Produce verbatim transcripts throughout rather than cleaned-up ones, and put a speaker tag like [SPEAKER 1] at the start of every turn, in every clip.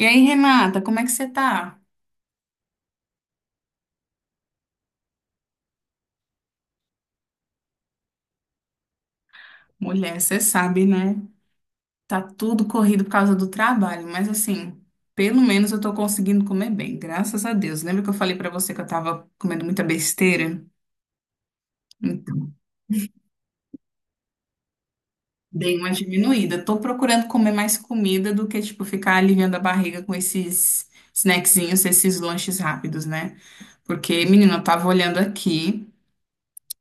[SPEAKER 1] E aí, Renata, como é que você tá? Mulher, você sabe, né? Tá tudo corrido por causa do trabalho, mas assim, pelo menos eu tô conseguindo comer bem, graças a Deus. Lembra que eu falei pra você que eu tava comendo muita besteira? Então, dei uma diminuída. Tô procurando comer mais comida do que, tipo, ficar aliviando a barriga com esses snackzinhos, esses lanches rápidos, né? Porque, menina, eu tava olhando aqui.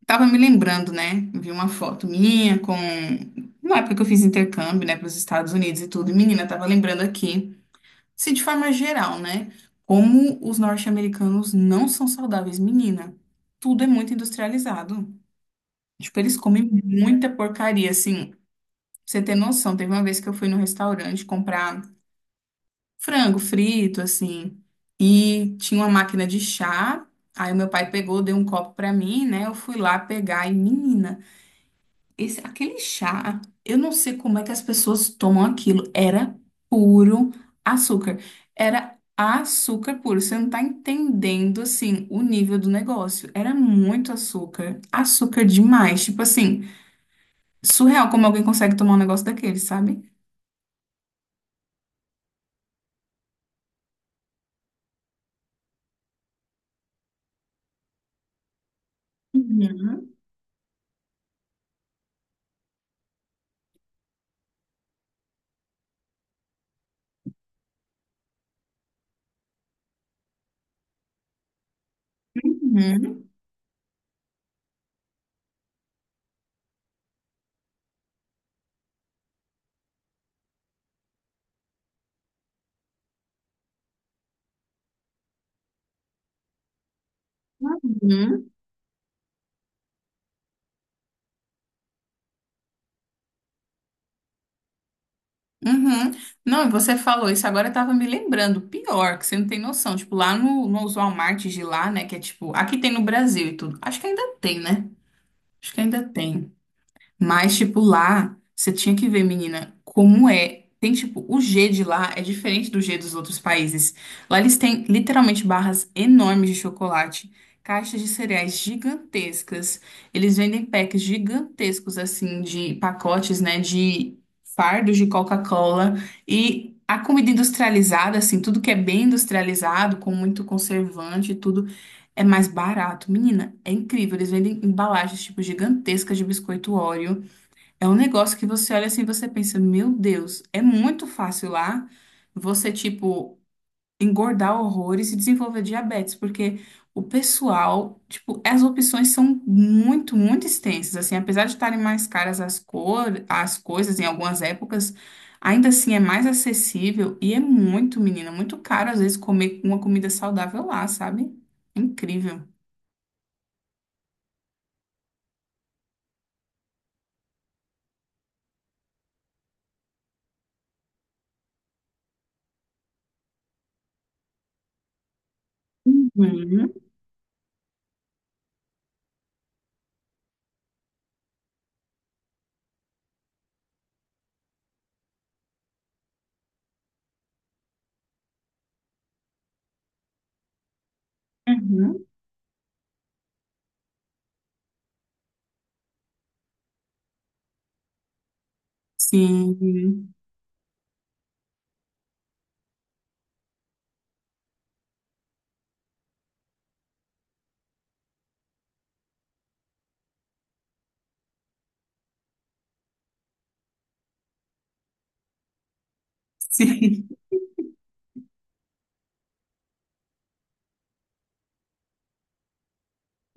[SPEAKER 1] Tava me lembrando, né? Vi uma foto minha com. Na época que eu fiz intercâmbio, né, para os Estados Unidos e tudo. E, menina, tava lembrando aqui, se de forma geral, né? Como os norte-americanos não são saudáveis, menina. Tudo é muito industrializado. Tipo, eles comem muita porcaria, assim. Pra você ter noção, teve uma vez que eu fui no restaurante comprar frango frito, assim. E tinha uma máquina de chá. Aí meu pai pegou, deu um copo pra mim, né? Eu fui lá pegar e, menina. Esse, aquele chá, eu não sei como é que as pessoas tomam aquilo. Era puro açúcar. Era açúcar puro. Você não tá entendendo, assim, o nível do negócio. Era muito açúcar. Açúcar demais. Tipo assim, surreal como alguém consegue tomar um negócio daquele, sabe? Uhum, uhum, uhum, uhum. Não, e você falou isso, agora eu tava me lembrando. Pior, que você não tem noção. Tipo, lá no, nos Walmart de lá, né? Que é tipo, aqui tem no Brasil e tudo. Acho que ainda tem, né? Acho que ainda tem. Mas, tipo, lá, você tinha que ver, menina, como é. Tem, tipo, o G de lá é diferente do G dos outros países. Lá eles têm literalmente barras enormes de chocolate, caixas de cereais gigantescas. Eles vendem packs gigantescos, assim, de pacotes, né, de fardos de Coca-Cola. E a comida industrializada, assim, tudo que é bem industrializado, com muito conservante e tudo. É mais barato. Menina, é incrível. Eles vendem embalagens, tipo, gigantescas de biscoito Oreo. É um negócio que você olha assim e você pensa, meu Deus, é muito fácil lá você, tipo, engordar horrores e desenvolver diabetes, porque o pessoal, tipo, as opções são muito, muito extensas. Assim, apesar de estarem mais caras as cor, as coisas em algumas épocas, ainda assim é mais acessível e é muito, menina, muito caro às vezes comer uma comida saudável lá, sabe? Incrível. Uhum, uhum. Sim, sim.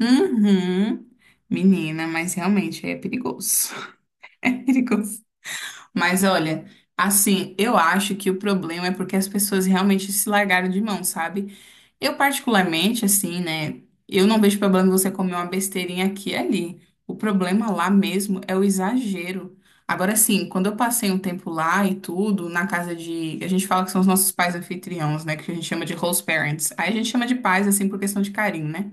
[SPEAKER 1] Uhum. Menina, mas realmente é perigoso. É perigoso. Mas olha, assim, eu acho que o problema é porque as pessoas realmente se largaram de mão, sabe? Eu particularmente, assim, né? Eu não vejo problema em você comer uma besteirinha aqui e ali. O problema lá mesmo é o exagero. Agora, assim, quando eu passei um tempo lá e tudo, na casa de. A gente fala que são os nossos pais anfitriões, né? Que a gente chama de host parents. Aí a gente chama de pais, assim, por questão de carinho, né?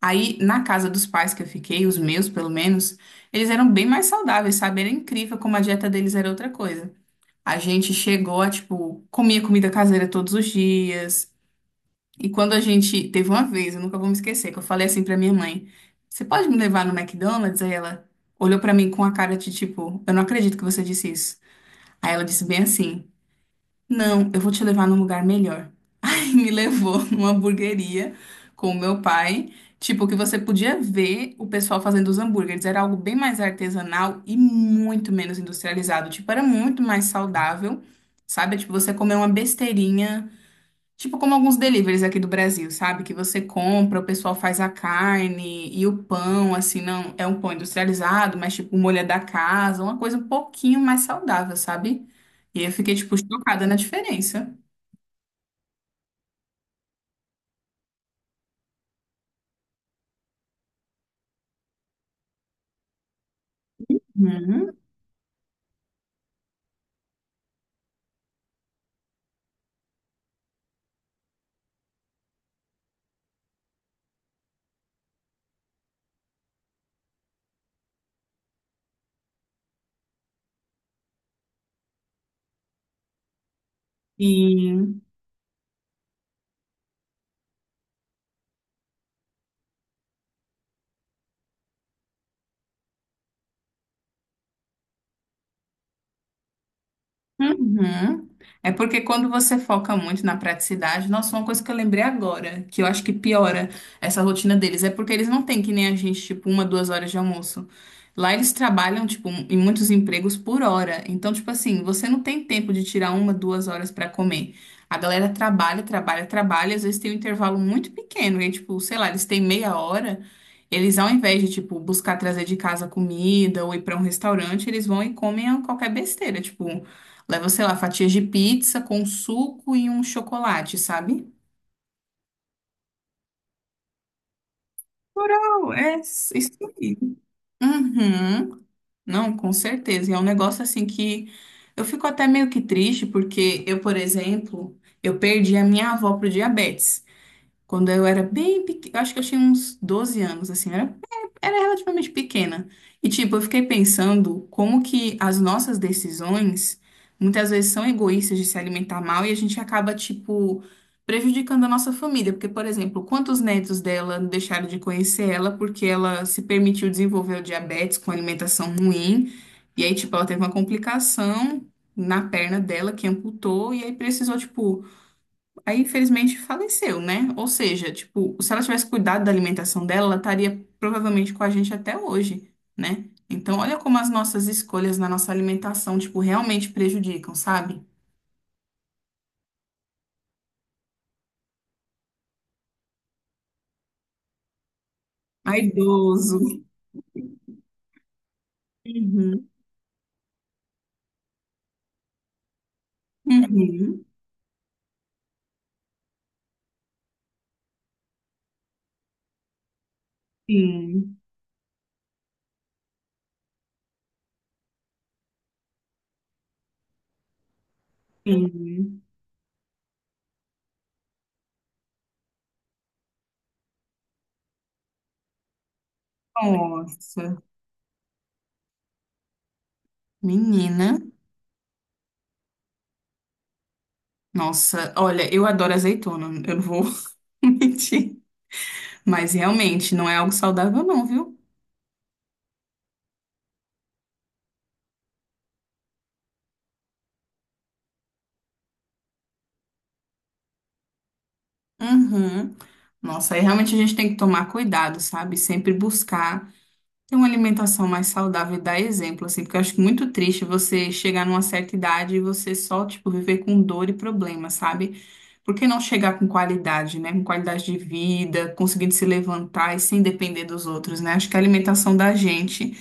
[SPEAKER 1] Aí, na casa dos pais que eu fiquei, os meus pelo menos, eles eram bem mais saudáveis, sabe? Era incrível como a dieta deles era outra coisa. A gente chegou a, tipo, comia comida caseira todos os dias. E quando a gente teve uma vez, eu nunca vou me esquecer, que eu falei assim pra minha mãe: Você pode me levar no McDonald's? Aí ela olhou pra mim com a cara de tipo: Eu não acredito que você disse isso. Aí ela disse bem assim: Não, eu vou te levar num lugar melhor. E me levou numa hamburgueria com o meu pai. Tipo, que você podia ver o pessoal fazendo os hambúrgueres. Era algo bem mais artesanal e muito menos industrializado. Tipo, era muito mais saudável, sabe? Tipo, você comer uma besteirinha. Tipo como alguns deliveries aqui do Brasil, sabe? Que você compra, o pessoal faz a carne e o pão, assim, não é um pão industrializado, mas tipo o molho é da casa, uma coisa um pouquinho mais saudável, sabe? E eu fiquei, tipo, chocada na diferença. Uhum. Uhum. É porque quando você foca muito na praticidade, nossa, uma coisa que eu lembrei agora, que eu acho que piora essa rotina deles, é porque eles não têm que nem a gente, tipo, uma, duas horas de almoço. Lá eles trabalham, tipo, em muitos empregos por hora. Então, tipo assim, você não tem tempo de tirar uma, duas horas pra comer. A galera trabalha, trabalha, trabalha, às vezes tem um intervalo muito pequeno, e tipo, sei lá, eles têm meia hora. Eles, ao invés de, tipo, buscar trazer de casa comida ou ir pra um restaurante, eles vão e comem qualquer besteira, tipo. Leva, sei lá, fatias de pizza com suco e um chocolate, sabe? Plural, é isso aí. Uhum. Não, com certeza. E é um negócio assim que eu fico até meio que triste, porque eu, por exemplo, eu perdi a minha avó pro diabetes. Quando eu era bem pequena, acho que eu tinha uns doze anos, assim, eu era, é, era relativamente pequena. E, tipo, eu fiquei pensando como que as nossas decisões muitas vezes são egoístas de se alimentar mal e a gente acaba, tipo, prejudicando a nossa família. Porque, por exemplo, quantos netos dela deixaram de conhecer ela porque ela se permitiu desenvolver o diabetes com alimentação ruim? E aí, tipo, ela teve uma complicação na perna dela que amputou e aí precisou, tipo Aí, infelizmente, faleceu, né? Ou seja, tipo, se ela tivesse cuidado da alimentação dela, ela estaria provavelmente com a gente até hoje, né? Então, olha como as nossas escolhas na nossa alimentação, tipo, realmente prejudicam, sabe? Vaidoso. Uhum. Uhum. Sim, sim. Nossa, menina. Nossa, olha, eu adoro azeitona, eu não vou mentir. Mas realmente, não é algo saudável, não, viu? Uhum. Nossa, aí realmente a gente tem que tomar cuidado, sabe? Sempre buscar ter uma alimentação mais saudável e dar exemplo, assim, porque eu acho muito triste você chegar numa certa idade e você só, tipo, viver com dor e problema, sabe? Por que não chegar com qualidade, né? Com qualidade de vida, conseguindo se levantar e sem depender dos outros, né? Acho que a alimentação da gente,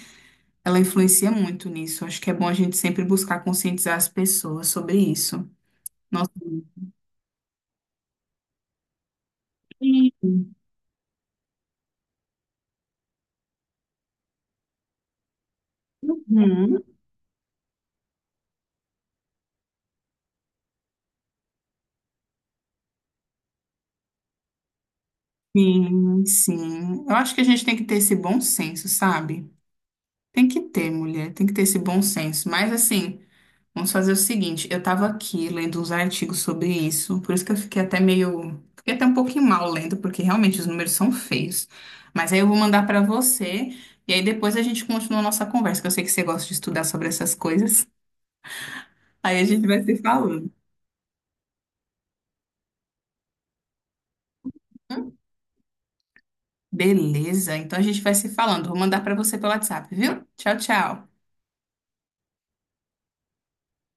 [SPEAKER 1] ela influencia muito nisso. Acho que é bom a gente sempre buscar conscientizar as pessoas sobre isso. Nossa. Sim. Uhum. Sim, sim. Eu acho que a gente tem que ter esse bom senso, sabe? Tem que ter, mulher, tem que ter esse bom senso. Mas assim, vamos fazer o seguinte, eu tava aqui lendo uns artigos sobre isso, por isso que eu fiquei até meio, fiquei até um pouquinho mal lendo, porque realmente os números são feios. Mas aí eu vou mandar pra você e aí depois a gente continua a nossa conversa, que eu sei que você gosta de estudar sobre essas coisas. Aí a gente vai se falando. Beleza? Então a gente vai se falando. Vou mandar pra você pelo WhatsApp, viu? Tchau, tchau.